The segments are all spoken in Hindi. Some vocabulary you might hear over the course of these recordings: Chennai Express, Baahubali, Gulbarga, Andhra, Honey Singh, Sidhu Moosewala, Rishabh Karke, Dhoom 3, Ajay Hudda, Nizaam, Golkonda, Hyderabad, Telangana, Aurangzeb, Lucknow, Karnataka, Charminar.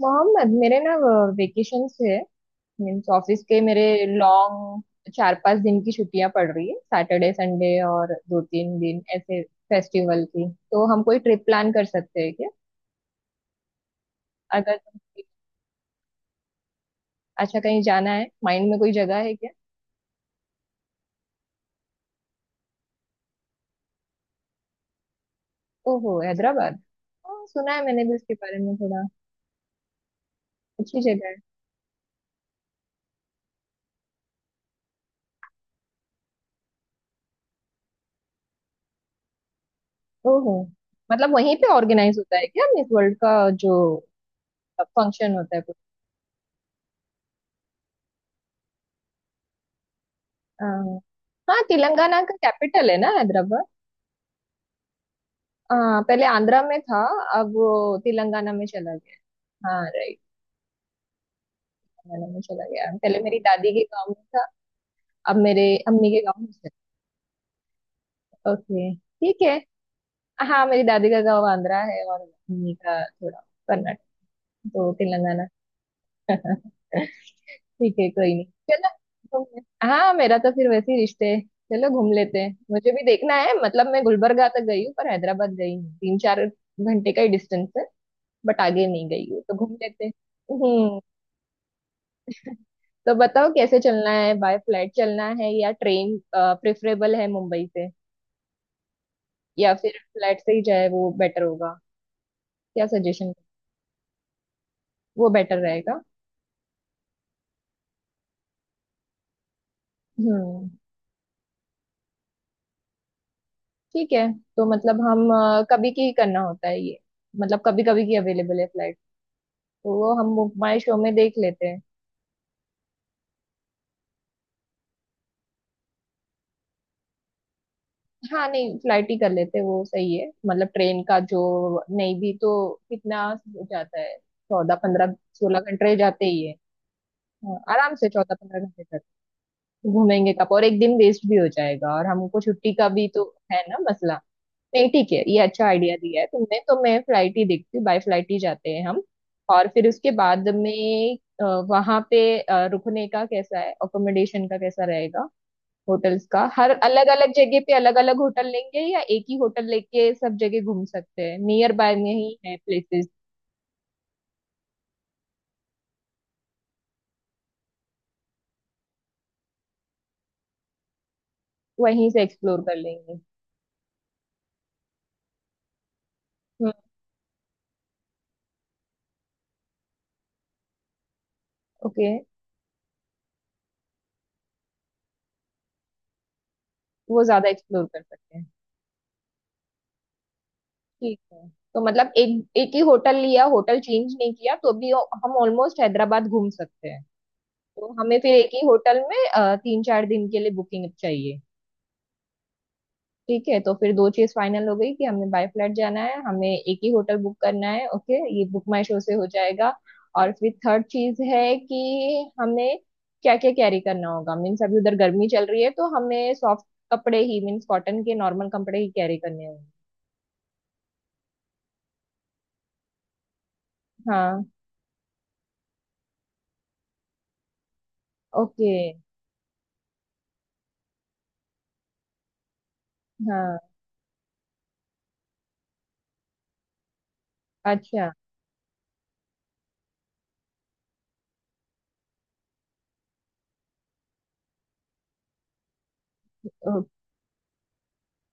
मोहम्मद, मेरे ना वेकेशन है। मीन्स ऑफिस के मेरे लॉन्ग 4 5 दिन की छुट्टियां पड़ रही है, सैटरडे संडे और 2 3 दिन ऐसे फेस्टिवल की। तो हम कोई ट्रिप प्लान कर सकते हैं क्या। अगर तुम अच्छा, कहीं जाना है माइंड में, कोई जगह है क्या। ओहो, हैदराबाद। हाँ, सुना है मैंने भी उसके बारे में थोड़ा। अच्छी जगह है। ओहो। मतलब वहीं पे ऑर्गेनाइज होता है क्या मिस वर्ल्ड का, जो फंक्शन होता है कुछ। हाँ। हाँ, तेलंगाना का कैपिटल है ना हैदराबाद। हाँ, पहले आंध्रा में था, अब वो तेलंगाना में चला गया। हाँ, राइट, तेलंगाना में चला गया। पहले मेरी दादी के गांव में था, अब मेरे अम्मी के गांव में चला। ओके, ठीक है। हाँ, मेरी दादी का गांव आंध्रा है और अम्मी का थोड़ा कर्नाटक, तो तेलंगाना। ठीक है, कोई नहीं। चलो घूमने। हाँ, मेरा तो फिर वैसे ही रिश्ते है। चलो, घूम लेते हैं, मुझे भी देखना है। मतलब मैं गुलबर्गा तक गई हूँ पर हैदराबाद गई हूँ, 3 4 घंटे का ही डिस्टेंस है। बट आगे नहीं गई हूँ, तो घूम लेते हैं। हम्म। तो बताओ कैसे चलना है, बाय फ्लाइट चलना है या ट्रेन प्रेफरेबल है मुंबई से, या फिर फ्लाइट से ही जाए वो बेटर होगा। क्या सजेशन। वो बेटर रहेगा। हम्म, ठीक है। तो मतलब हम कभी की करना होता है ये, मतलब कभी कभी की अवेलेबल है फ्लाइट। तो वो हम माई शो में देख लेते हैं। हाँ, नहीं, फ्लाइट ही कर लेते हैं वो सही है। मतलब ट्रेन का जो नहीं भी तो कितना हो जाता है, 14 15 16 घंटे जाते ही है। हाँ, आराम से 14 15 घंटे। घूमेंगे कब, और एक दिन वेस्ट भी हो जाएगा, और हमको छुट्टी का भी तो है ना मसला। नहीं, ठीक है, ये अच्छा आइडिया दिया है तुमने। तो मैं फ्लाइट ही देखती हूँ, बाय फ्लाइट ही जाते हैं हम। और फिर उसके बाद में वहां पे रुकने का कैसा है, अकोमोडेशन का कैसा रहेगा। होटल्स का, हर अलग अलग जगह पे अलग अलग होटल लेंगे या एक ही होटल लेके सब जगह घूम सकते हैं। नियर बाय में ही है प्लेसेस। वहीं से एक्सप्लोर कर लेंगे। हम्म। ओके। वो ज्यादा एक्सप्लोर कर सकते हैं। ठीक है, तो मतलब एक एक ही होटल लिया, होटल चेंज नहीं किया तो भी हम ऑलमोस्ट हैदराबाद घूम सकते हैं। तो हमें फिर एक ही होटल में 3 4 दिन के लिए बुकिंग चाहिए। ठीक है, तो फिर दो चीज फाइनल हो गई कि हमें बाय फ्लाइट जाना है, हमें एक ही होटल बुक करना है। ओके, ये बुक माई शो से हो जाएगा। और फिर थर्ड चीज है कि हमें क्या क्या कैरी करना होगा। मीन्स अभी उधर गर्मी चल रही है, तो हमें सॉफ्ट कपड़े ही, मीन्स कॉटन के नॉर्मल कपड़े ही कैरी करने होंगे। हाँ। ओके। हाँ, अच्छा। अ,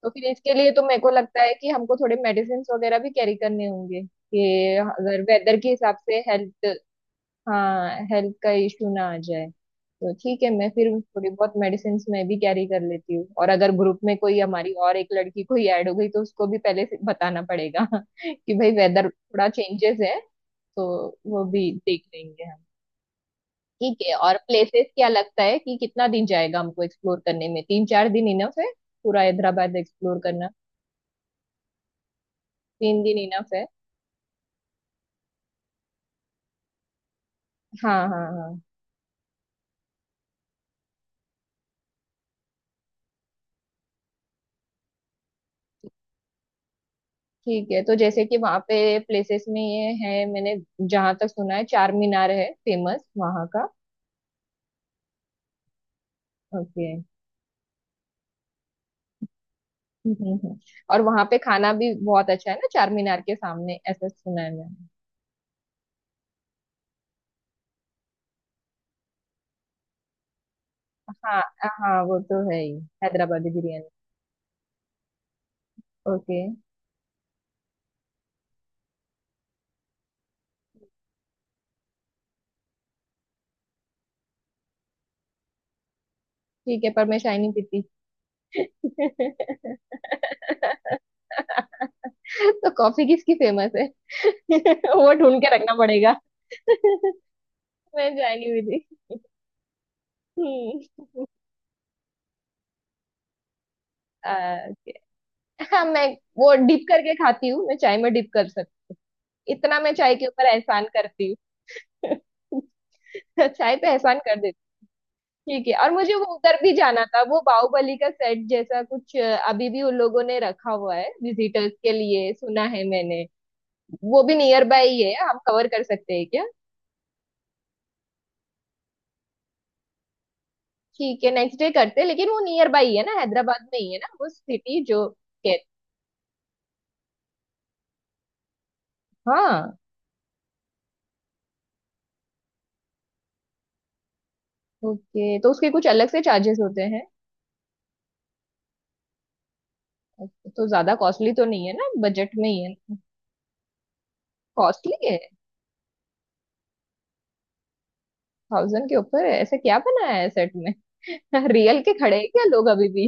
तो फिर इसके लिए तो मेरे को लगता है कि हमको थोड़े मेडिसिन वगैरह भी कैरी करने होंगे कि अगर वेदर के हिसाब से हेल्थ। हाँ, हेल्थ का इश्यू ना आ जाए। तो ठीक है, मैं फिर थोड़ी बहुत मेडिसिन मैं भी कैरी कर लेती हूँ, और अगर ग्रुप में कोई, हमारी और एक लड़की कोई ऐड हो गई, तो उसको भी पहले से बताना पड़ेगा। कि भाई वेदर थोड़ा चेंजेस है। तो वो भी देख लेंगे हम। ठीक है। और प्लेसेस क्या लगता है कि कितना दिन जाएगा हमको एक्सप्लोर करने में, 3 4 दिन इनफ है पूरा हैदराबाद एक्सप्लोर करना। 3 दिन इनफ है। हाँ हाँ हाँ। ठीक है, तो जैसे कि वहाँ पे प्लेसेस में ये है, मैंने जहाँ तक सुना है चार मीनार है फेमस वहाँ का। ओके। हम्म हम्म, हम्म। और वहाँ पे खाना भी बहुत अच्छा है ना चार मीनार के सामने, ऐसा सुना है मैंने। हाँ। हाँ, वो तो है ही, हैदराबादी बिरयानी। ओके। ठीक है, पर मैं चाय नहीं पीती। तो कॉफी किसकी फेमस है। वो ढूंढ के रखना पड़ेगा। मैं चाय नहीं पीती। हम्म। आ, हाँ, मैं वो डिप करके खाती हूँ, मैं चाय में डिप कर सकती, इतना मैं चाय के ऊपर एहसान करती हूँ। चाय पे एहसान कर देती हूँ। ठीक है। और मुझे वो उधर भी जाना था, वो बाहुबली का सेट जैसा कुछ अभी भी उन लोगों ने रखा हुआ है विजिटर्स के लिए, सुना है मैंने। वो भी नियर बाय ही है, हम कवर कर सकते हैं क्या। ठीक है, नेक्स्ट डे करते हैं, लेकिन वो नियर बाय ही है ना, हैदराबाद में ही है ना वो सिटी जो कहते। हाँ। ओके, तो उसके कुछ अलग से चार्जेस होते हैं। Okay, तो ज्यादा कॉस्टली तो नहीं है ना, बजट में ही है। कॉस्टली है। थाउजेंड के ऊपर है, ऐसा क्या बना है सेट में। रियल के खड़े हैं क्या लोग अभी भी।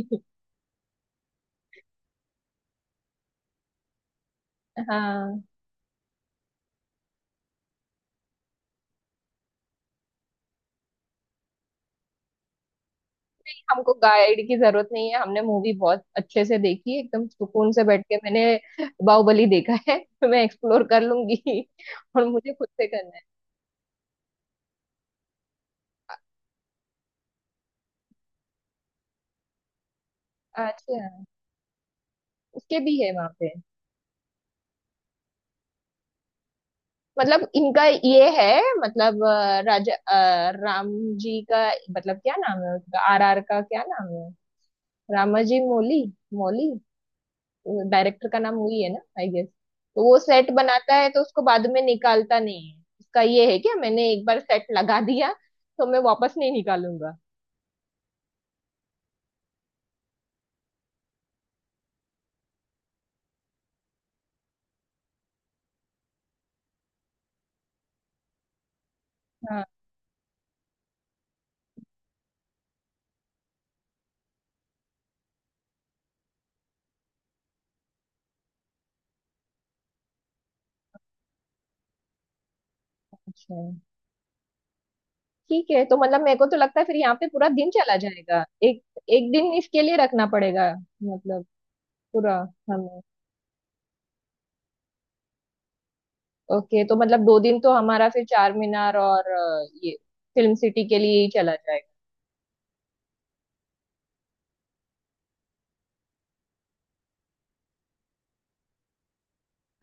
हाँ। हमको गाइड की जरूरत नहीं है, हमने मूवी बहुत अच्छे से देखी है, एकदम सुकून से बैठ के मैंने बाहुबली देखा है। तो मैं एक्सप्लोर कर लूंगी। और मुझे खुद से करना है। अच्छा। उसके भी है वहां पे। मतलब इनका ये है, मतलब राम जी का, मतलब क्या नाम है उसका, RR का क्या नाम है, रामाजी मोली, मोली डायरेक्टर का नाम वही है ना, आई गेस। तो वो सेट बनाता है तो उसको बाद में निकालता नहीं है, उसका ये है क्या, मैंने एक बार सेट लगा दिया तो मैं वापस नहीं निकालूंगा। हाँ, अच्छा। ठीक है। तो मतलब मेरे को तो लगता है फिर यहाँ पे पूरा दिन चला जाएगा, एक, एक दिन इसके लिए रखना पड़ेगा, मतलब पूरा। हमें। ओके, तो मतलब 2 दिन तो हमारा फिर चार मीनार और ये फिल्म सिटी के लिए ही चला जाएगा।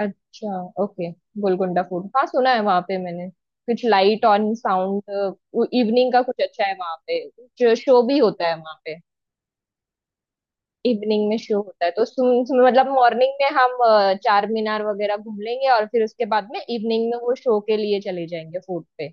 अच्छा, ओके। गोलकुंडा फूड, हाँ, सुना है वहां पे मैंने, कुछ लाइट ऑन साउंड, इवनिंग का कुछ अच्छा है वहां पे, जो शो भी होता है वहां पे। इवनिंग में शो होता है। तो सुन, सुन, मतलब मॉर्निंग में हम चार मीनार वगैरह घूम लेंगे, और फिर उसके बाद में इवनिंग में वो शो के लिए चले जाएंगे फूड पे।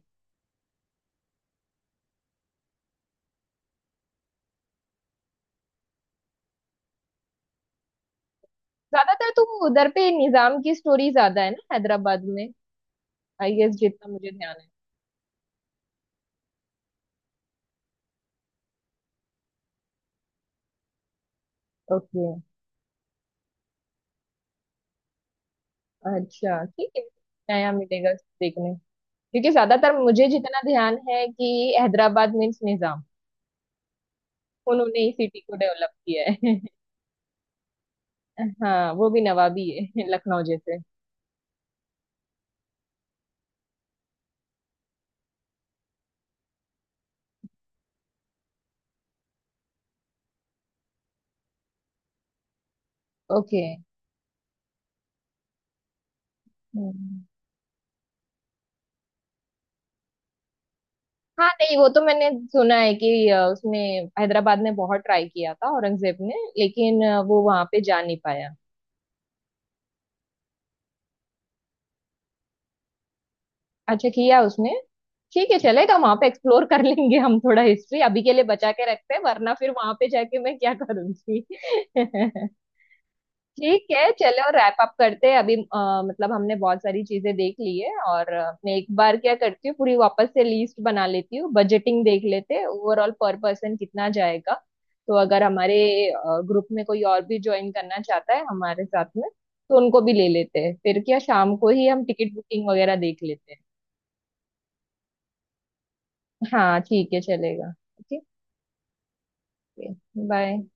ज्यादातर तो उधर पे निजाम की स्टोरी ज्यादा है ना हैदराबाद में, आई गेस, जितना मुझे ध्यान है। ओके। अच्छा, ठीक है। नया मिलेगा देखने। क्योंकि ज्यादातर मुझे जितना ध्यान है कि हैदराबाद मीन्स निजाम, उन्होंने इस सिटी को डेवलप किया है। हाँ, वो भी नवाबी है। लखनऊ जैसे। ओके। हम्म। हाँ, नहीं, वो तो मैंने सुना है कि उसने हैदराबाद में बहुत ट्राई किया था औरंगजेब ने, लेकिन वो वहां पे जा नहीं पाया। अच्छा किया उसने। ठीक है, चलेगा, वहां पे एक्सप्लोर कर लेंगे हम। थोड़ा हिस्ट्री अभी के लिए बचा के रखते हैं, वरना फिर वहां पे जाके मैं क्या करूंगी। ठीक है, चलो रैप अप करते हैं अभी। मतलब हमने बहुत सारी चीजें देख ली है, और मैं एक बार क्या करती हूँ, पूरी वापस से लिस्ट बना लेती हूँ, बजटिंग देख लेते हैं ओवरऑल पर पर्सन कितना जाएगा। तो अगर हमारे ग्रुप में कोई और भी ज्वाइन करना चाहता है हमारे साथ में, तो उनको भी ले लेते हैं फिर, क्या शाम को ही हम टिकट बुकिंग वगैरह देख लेते हैं। हाँ, ठीक है, चलेगा। ओके। बाय।